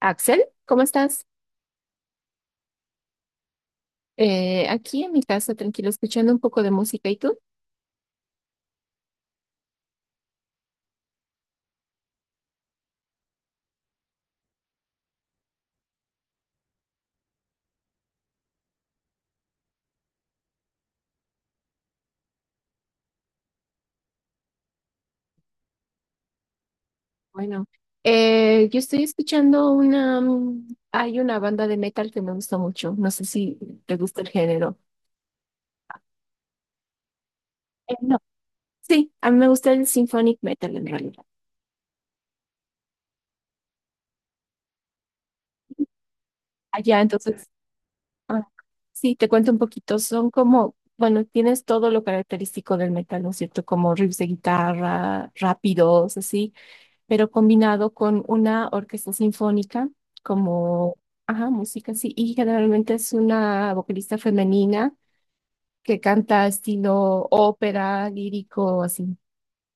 Axel, ¿cómo estás? Aquí en mi casa, tranquilo, escuchando un poco de música. ¿Y tú? Bueno, yo estoy escuchando una hay una banda de metal que me gusta mucho. No sé si te gusta el género. No. Sí, a mí me gusta el symphonic metal en realidad. Allá, entonces, ah, sí, te cuento un poquito. Son como, bueno, tienes todo lo característico del metal, ¿no es cierto? Como riffs de guitarra, rápidos, así, pero combinado con una orquesta sinfónica como, ajá, música, sí, y generalmente es una vocalista femenina que canta estilo ópera, lírico, así,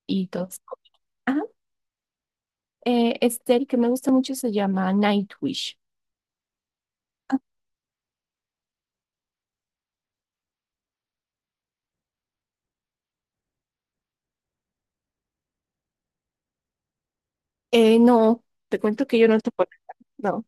y todo eso. Ajá, el que me gusta mucho se llama Nightwish. No, te cuento que yo no te puedo, no.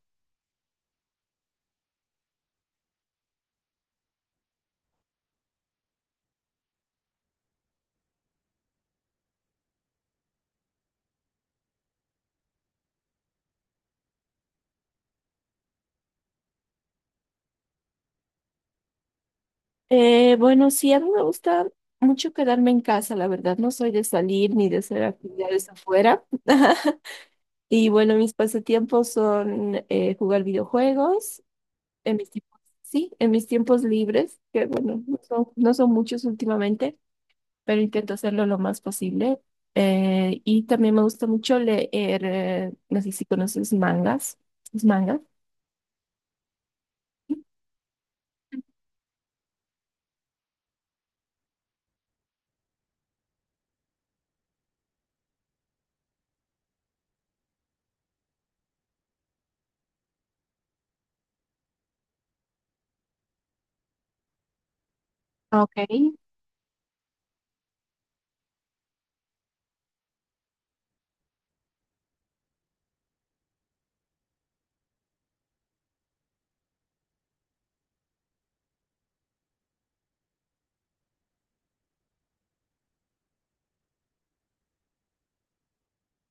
Bueno, sí, a mí me gusta mucho quedarme en casa, la verdad. No soy de salir ni de hacer actividades afuera. Y bueno, mis pasatiempos son jugar videojuegos en mis tiempos, sí, en mis tiempos libres, que bueno, no son muchos últimamente, pero intento hacerlo lo más posible. Y también me gusta mucho leer, no sé si conoces mangas, los mangas. Ah, ok.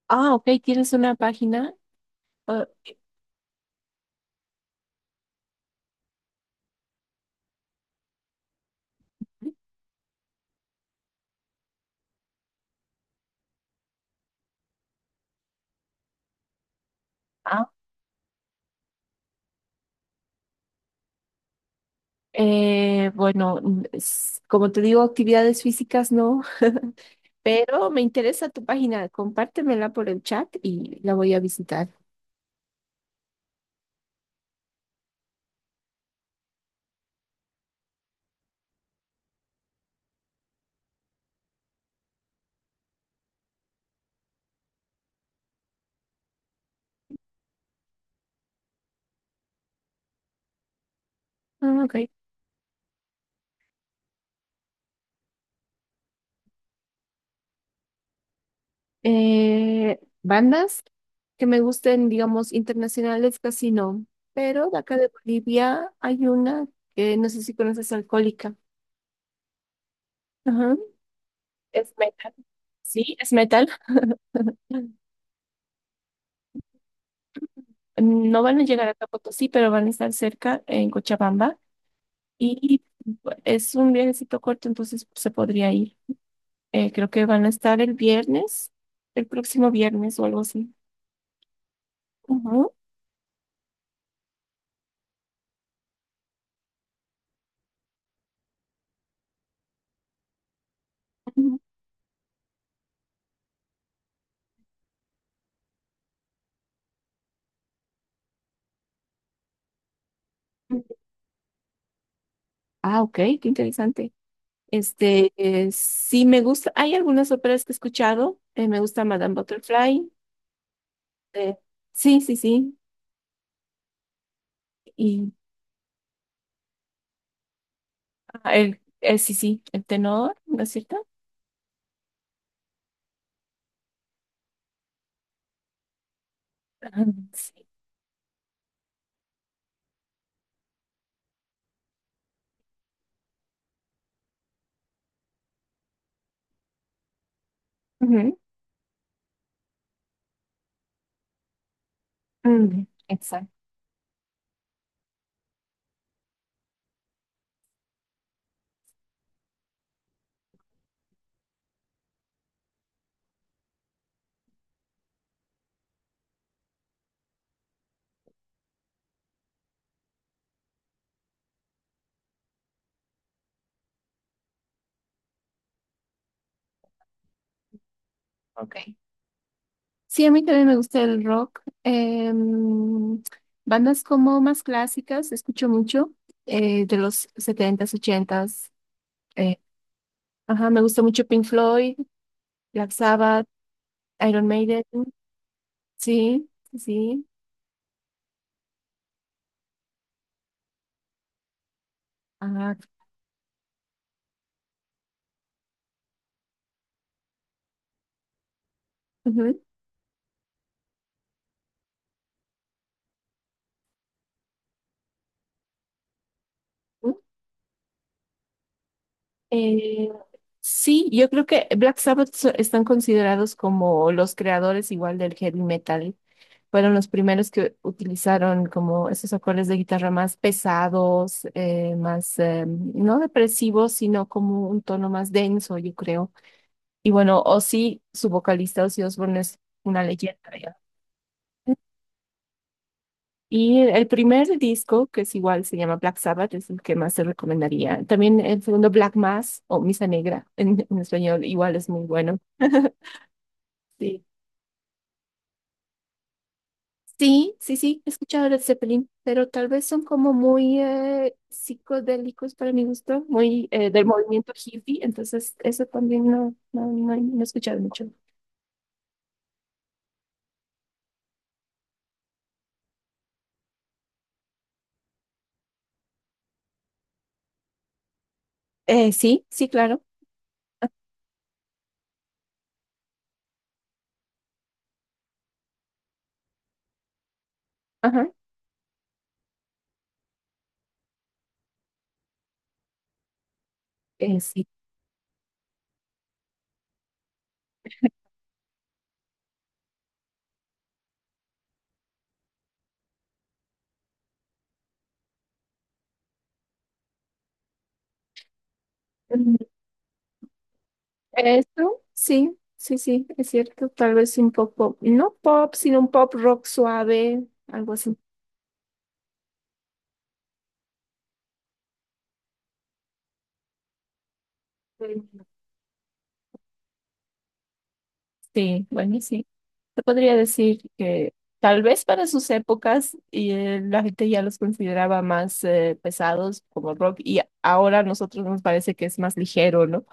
Ah, ok, tienes una página. Ah, como te digo, actividades físicas no. Pero me interesa tu página. Compártemela por el chat y la voy a visitar. Ah, ok. Bandas que me gusten, digamos, internacionales casi no, pero de acá de Bolivia hay una que no sé si conoces, Alcohólica. Ajá. Es metal. Sí, es metal. Mm, no van a llegar acá a Potosí, pero van a estar cerca en Cochabamba. Y es un viajecito corto, entonces se podría ir. Creo que van a estar el viernes, el próximo viernes o algo así. Ujú, ujú. Ah, ok, qué interesante. Este, sí me gusta. Hay algunas óperas que he escuchado. Me gusta Madame Butterfly. eh, sí, sí, sí. Y ah, sí, sí, el tenor, ¿no es cierto? Ajá, sí. Ujú, ujú, exacto. Ok. Sí, a mí también me gusta el rock. Bandas como más clásicas, escucho mucho, de los 70 ochentas, eh, ajá, me gusta mucho Pink Floyd, Black Sabbath, Iron Maiden. Sí, sí, sí, ajá, ujú. ¿No? Eh, sí, yo creo que están considerados como los creadores igual del heavy metal. Fueron los primeros que utilizaron como esos acordes de guitarra más pesados, más no depresivos, sino como un tono más denso, yo creo. Y bueno, Ozzy, su vocalista Ozzy Osbourne es una leyenda, ¿verdad? Y el primer disco, que es igual, se llama Black Sabbath, es el que más se recomendaría. También el segundo, Black Mass o Misa Negra en español, igual es muy bueno. Sí. Sí, sí, sí, he escuchado Led Zeppelin, pero tal vez son como muy psicodélicos para mi gusto, muy del movimiento hippie, entonces eso también no, no, no, he no he escuchado mucho. Sí, sí, claro, ajá, sí. Mm, eso, sí, sí, sí, es cierto, tal vez un poco, no pop, sino un pop rock suave, algo así. Sí, bueno, sí. Se podría decir que tal vez para sus épocas y, la gente ya los consideraba más pesados como rock y ahora a nosotros nos parece que es más ligero, ¿no?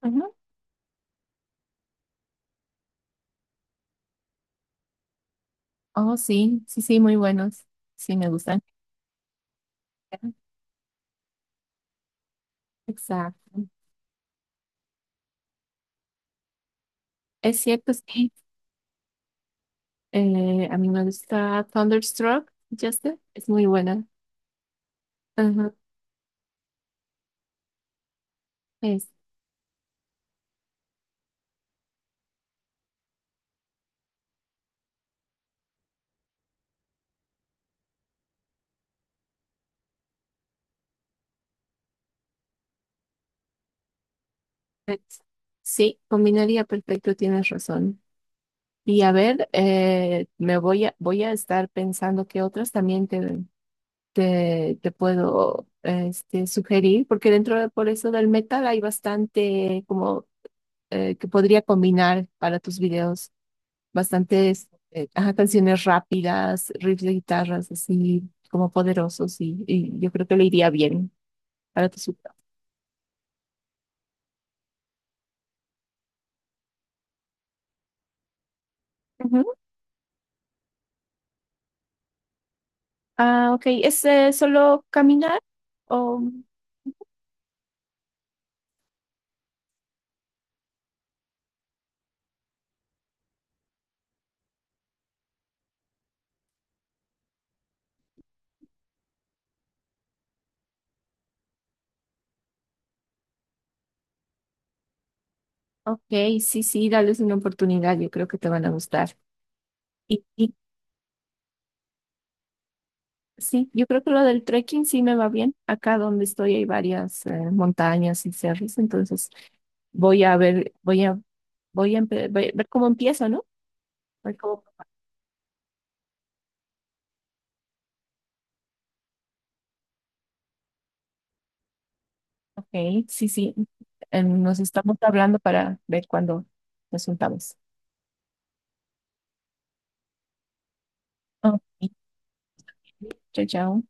Ajá. Oh, sí, sí, sí, muy buenos. Sí, me gustan. Exacto. Es cierto, sí. A mí me gusta Thunderstruck, Justin. Es muy buena. Ajá. Es, es- sí, combinaría perfecto, tienes razón. Y a ver, me voy a, voy a estar pensando que otras también te puedo este, sugerir, porque dentro de por eso del metal hay bastante como que podría combinar para tus videos, bastantes ajá, canciones rápidas, riffs de guitarras así como poderosos y yo creo que le iría bien para tus videos. Ujú. Ah, ok, ¿es solo caminar? O ok, sí, sí, dales una oportunidad, yo creo que te van a gustar. Y sí, yo creo que lo del trekking sí me va bien. Acá donde estoy hay varias montañas y cerros, entonces voy a ver, voy a, voy a, empe- voy a ver cómo empiezo, ¿no? Ver cómo, ok, sí, sí. Nos estamos hablando para ver cuándo nos juntamos. Ok, chao, chao.